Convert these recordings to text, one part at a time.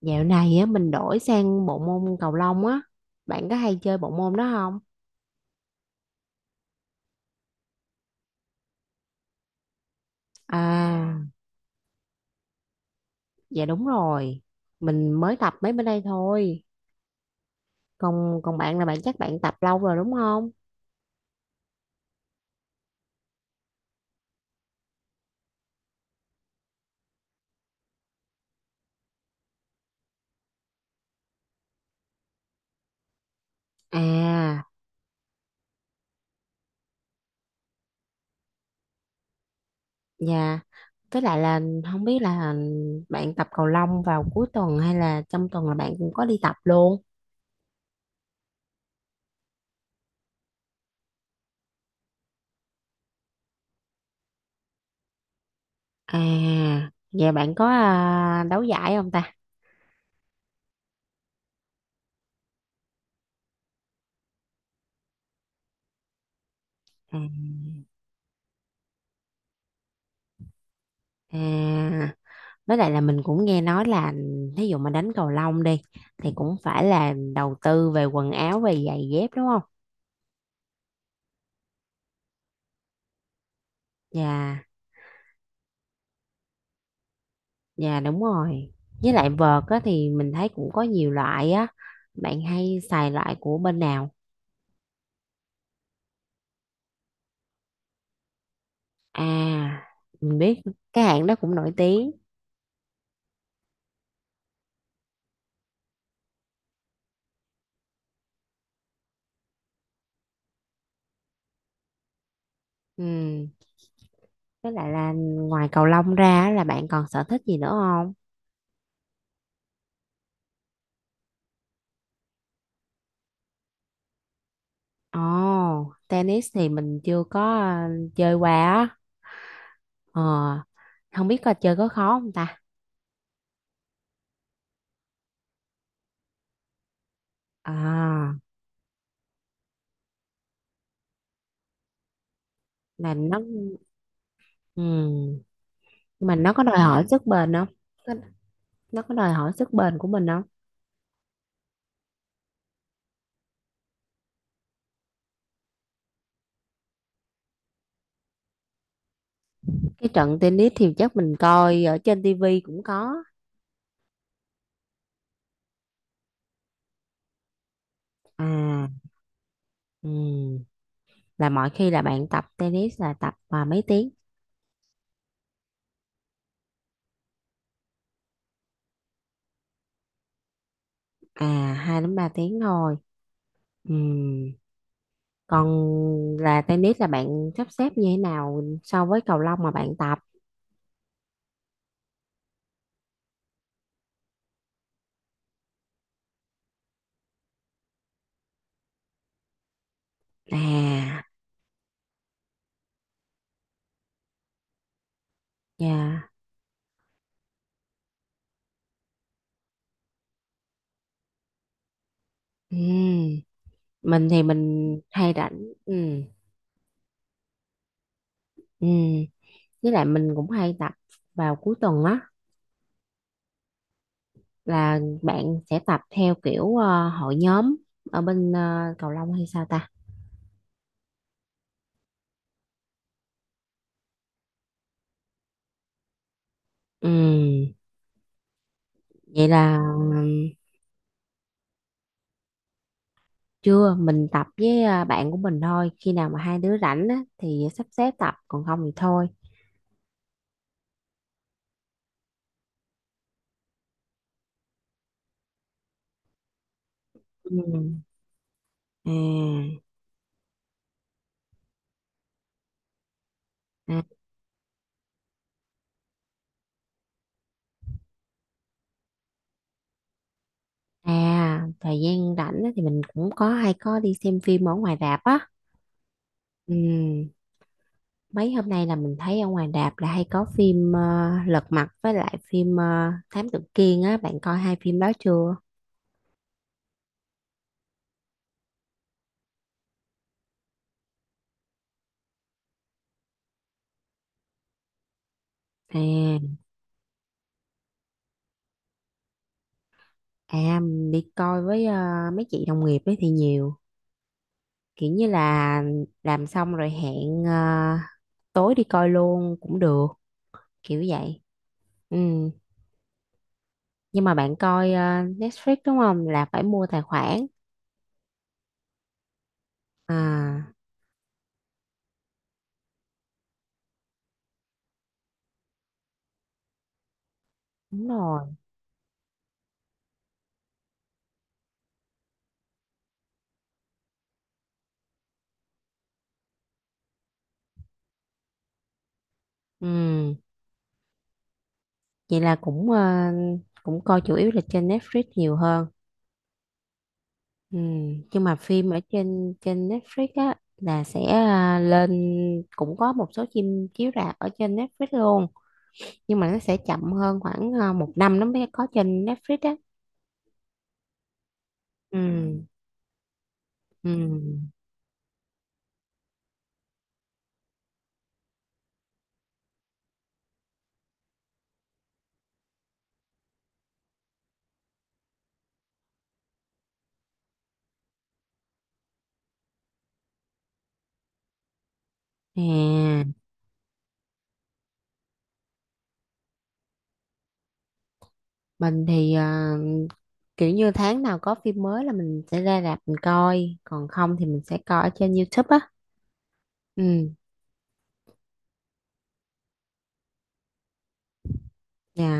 Dạo này á mình đổi sang bộ môn cầu lông á. Bạn có hay chơi bộ môn đó không? À, dạ đúng rồi. Mình mới tập mấy bữa đây thôi. Còn còn bạn là bạn chắc bạn tập lâu rồi đúng không? À, dạ. Với lại là không biết là bạn tập cầu lông vào cuối tuần hay là trong tuần là bạn cũng có đi tập luôn. À, dạ bạn có đấu giải không ta? À, à, với lại là mình cũng nghe nói là thí dụ mà đánh cầu lông đi thì cũng phải là đầu tư về quần áo về giày dép đúng không. Dạ, dạ đúng rồi. Với lại vợt á, thì mình thấy cũng có nhiều loại á, bạn hay xài loại của bên nào? À, mình biết, cái hãng đó cũng nổi tiếng. Ừ, với lại là ngoài cầu lông ra á, là bạn còn sở thích gì nữa không? Ồ, tennis thì mình chưa có chơi qua á. ờ Không biết coi chơi có khó không ta? À, là nó ừ. Nhưng mà nó có đòi hỏi sức bền không? Có- nó có đòi hỏi sức bền của mình không? Cái trận tennis thì chắc mình coi ở trên tivi cũng có. À, ừ. Là mọi khi là bạn tập tennis là tập mấy tiếng? À, 2 đến 3 tiếng thôi. Ừ, còn là tennis là bạn sắp xếp như thế nào so với cầu lông mà bạn tập. À, dạ. Ừ, mình thì mình hay rảnh. Ừ. Ừ. Với lại mình cũng hay tập vào cuối tuần á, là bạn sẽ tập theo kiểu hội nhóm ở bên cầu lông hay sao ta? Ừ, vậy là ừm, chưa, mình tập với bạn của mình thôi, khi nào mà hai đứa rảnh á, thì sắp xếp tập, còn không thì thôi. Ừ. à, à, À, thời gian rảnh á, thì mình cũng có hay có đi xem phim ở ngoài rạp á. Ừ. Mấy hôm nay là mình thấy ở ngoài rạp là hay có phim Lật Mặt với lại phim Thám Tử Kiên á, bạn coi hai phim đó chưa? À. À, đi coi với mấy chị đồng nghiệp ấy thì nhiều, kiểu như là làm xong rồi hẹn tối đi coi luôn cũng được, kiểu vậy. Ừ. Nhưng mà bạn coi Netflix đúng không, là phải mua tài khoản? À, đúng rồi. Ừ. Vậy là cũng cũng coi chủ yếu là trên Netflix nhiều hơn. Ừ. Nhưng mà phim ở trên trên Netflix á là sẽ lên, cũng có một số phim chiếu rạp ở trên Netflix luôn, nhưng mà nó sẽ chậm hơn khoảng một năm nó mới có trên Netflix á. Ừ, ừ. À, mình thì kiểu như tháng nào có phim mới là mình sẽ ra rạp mình coi, còn không thì mình sẽ coi ở trên YouTube á. Ừ. Dạ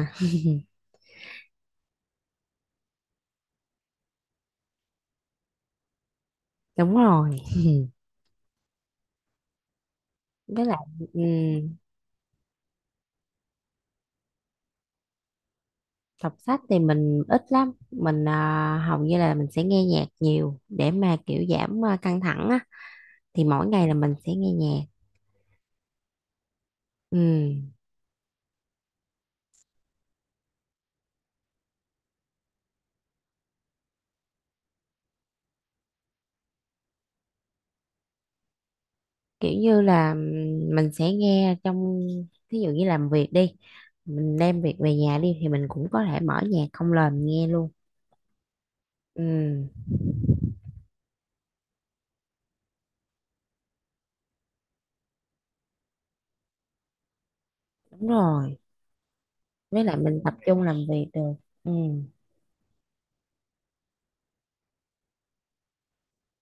đúng rồi. Với lại ừ, đọc sách thì mình ít lắm, mình hầu như là mình sẽ nghe nhạc nhiều để mà kiểu giảm căng thẳng á, thì mỗi ngày là mình sẽ nghe nhạc. Ừ, kiểu như là mình sẽ nghe trong, ví dụ như làm việc đi, mình đem việc về nhà đi thì mình cũng có thể mở nhạc không lời mình nghe luôn. Ừ, đúng rồi, với lại mình tập trung làm việc được. Ừ.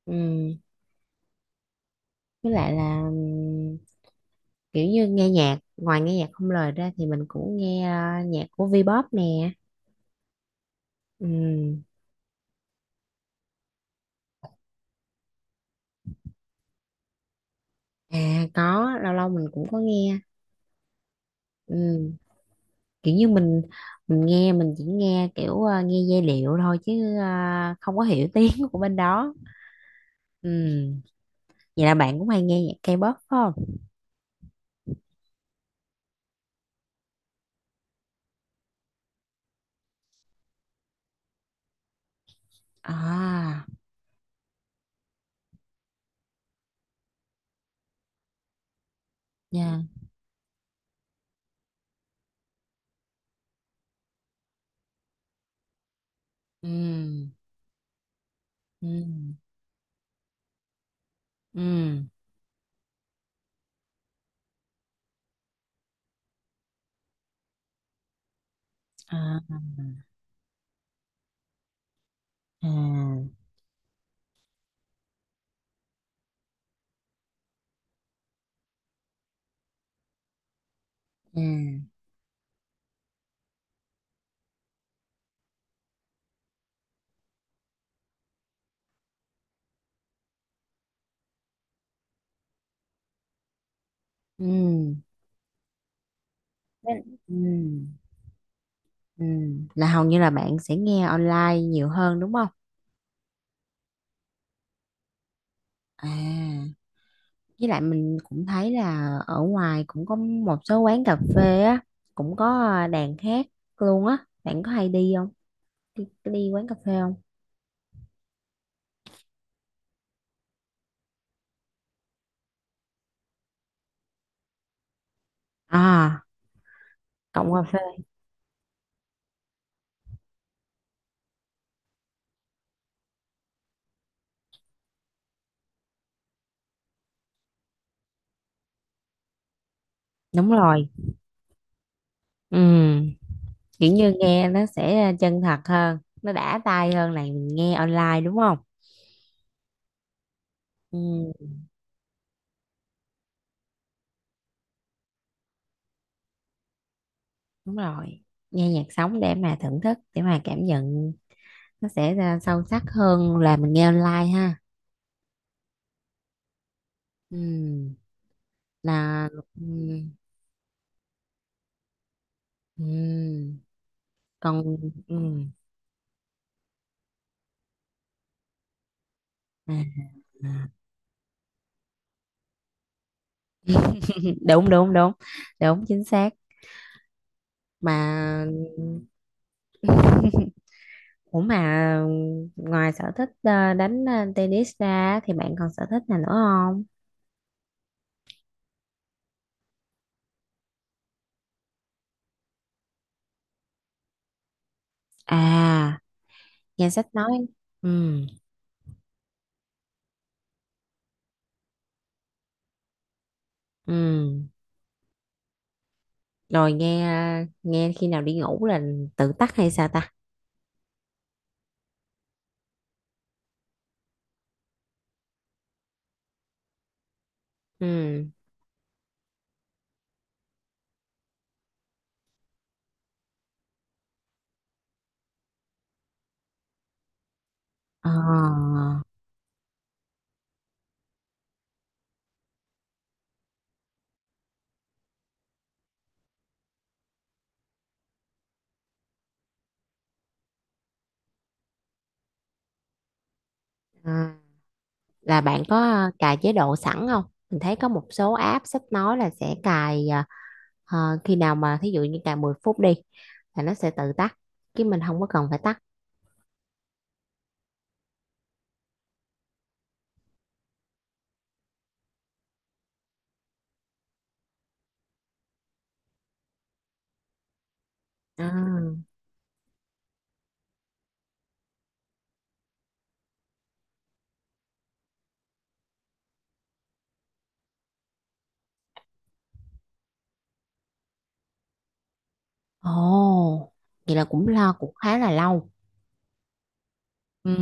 Ừ, với lại là kiểu như nghe nhạc, ngoài nghe nhạc không lời ra thì mình cũng nghe nhạc của Vpop nè. Ừ. À, có lâu lâu mình cũng có nghe. Ừ, kiểu như mình nghe, mình chỉ nghe kiểu nghe giai điệu thôi, chứ không có hiểu tiếng của bên đó. Ừ, vậy là bạn cũng hay nghe nhạc K-pop phải không? À, nha. Ừ, ừ, ừ. À, à, à. Ừ. Ừ, ừ, là hầu như là bạn sẽ nghe online nhiều hơn đúng không? À, với lại mình cũng thấy là ở ngoài cũng có một số quán cà phê á, cũng có đàn hát luôn á, bạn có hay đi không, đi quán cà phê không? À, cộng cà phê. Đúng rồi. Ừ, kiểu như nghe nó sẽ chân thật hơn, nó đã tai hơn là mình nghe online đúng không? Ừ, đúng rồi. Nghe nhạc sống để mà thưởng thức, để mà cảm nhận, nó sẽ ra sâu sắc hơn là mình nghe online ha. Ừ, là ừ. Ừ. Còn ừm, à, à. Đúng, đúng, đúng, đúng chính xác mà. Ủa mà, ngoài sở thích đánh tennis ra thì bạn còn sở thích nào nữa không? À, nghe sách nói. Ừ, ừ, rồi nghe nghe khi nào đi ngủ là tự tắt hay sao ta? Ừ. Ờ, à, là bạn có cài chế độ sẵn không? Mình thấy có một số app sách nói là sẽ cài. Ờ, Khi nào mà thí dụ như cài 10 phút đi, là nó sẽ tự tắt, chứ mình không có cần phải tắt. À. Ồ, vậy là cũng lo, cũng khá là lâu. Ừ.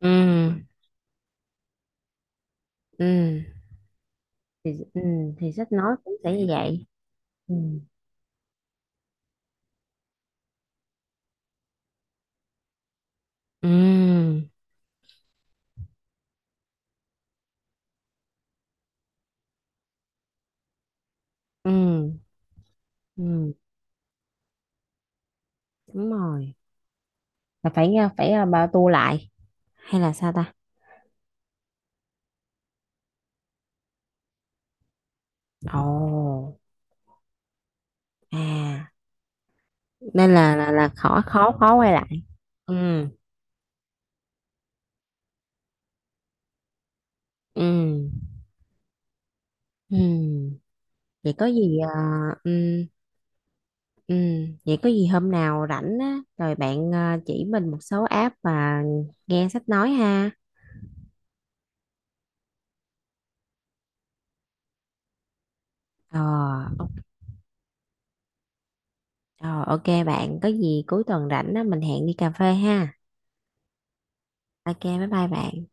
Ừ, ừ, thì, ừ, thì sách nói cũng sẽ như vậy. Ừ, ừ, ừ, ừ, đúng rồi. Là phải nha, phải bao tu lại hay là sao ta? Ồ, à, nên là là khó khó khó quay lại. Ừ, ừ, ừ. Vậy có gì à, ừ, Ừ, Vậy có gì hôm nào rảnh á, rồi bạn chỉ mình một số app mà nghe sách nói ha. Ờ, ok ờ, ok bạn, có gì cuối tuần rảnh á, mình hẹn đi cà phê ha. Ok, bye bye bạn.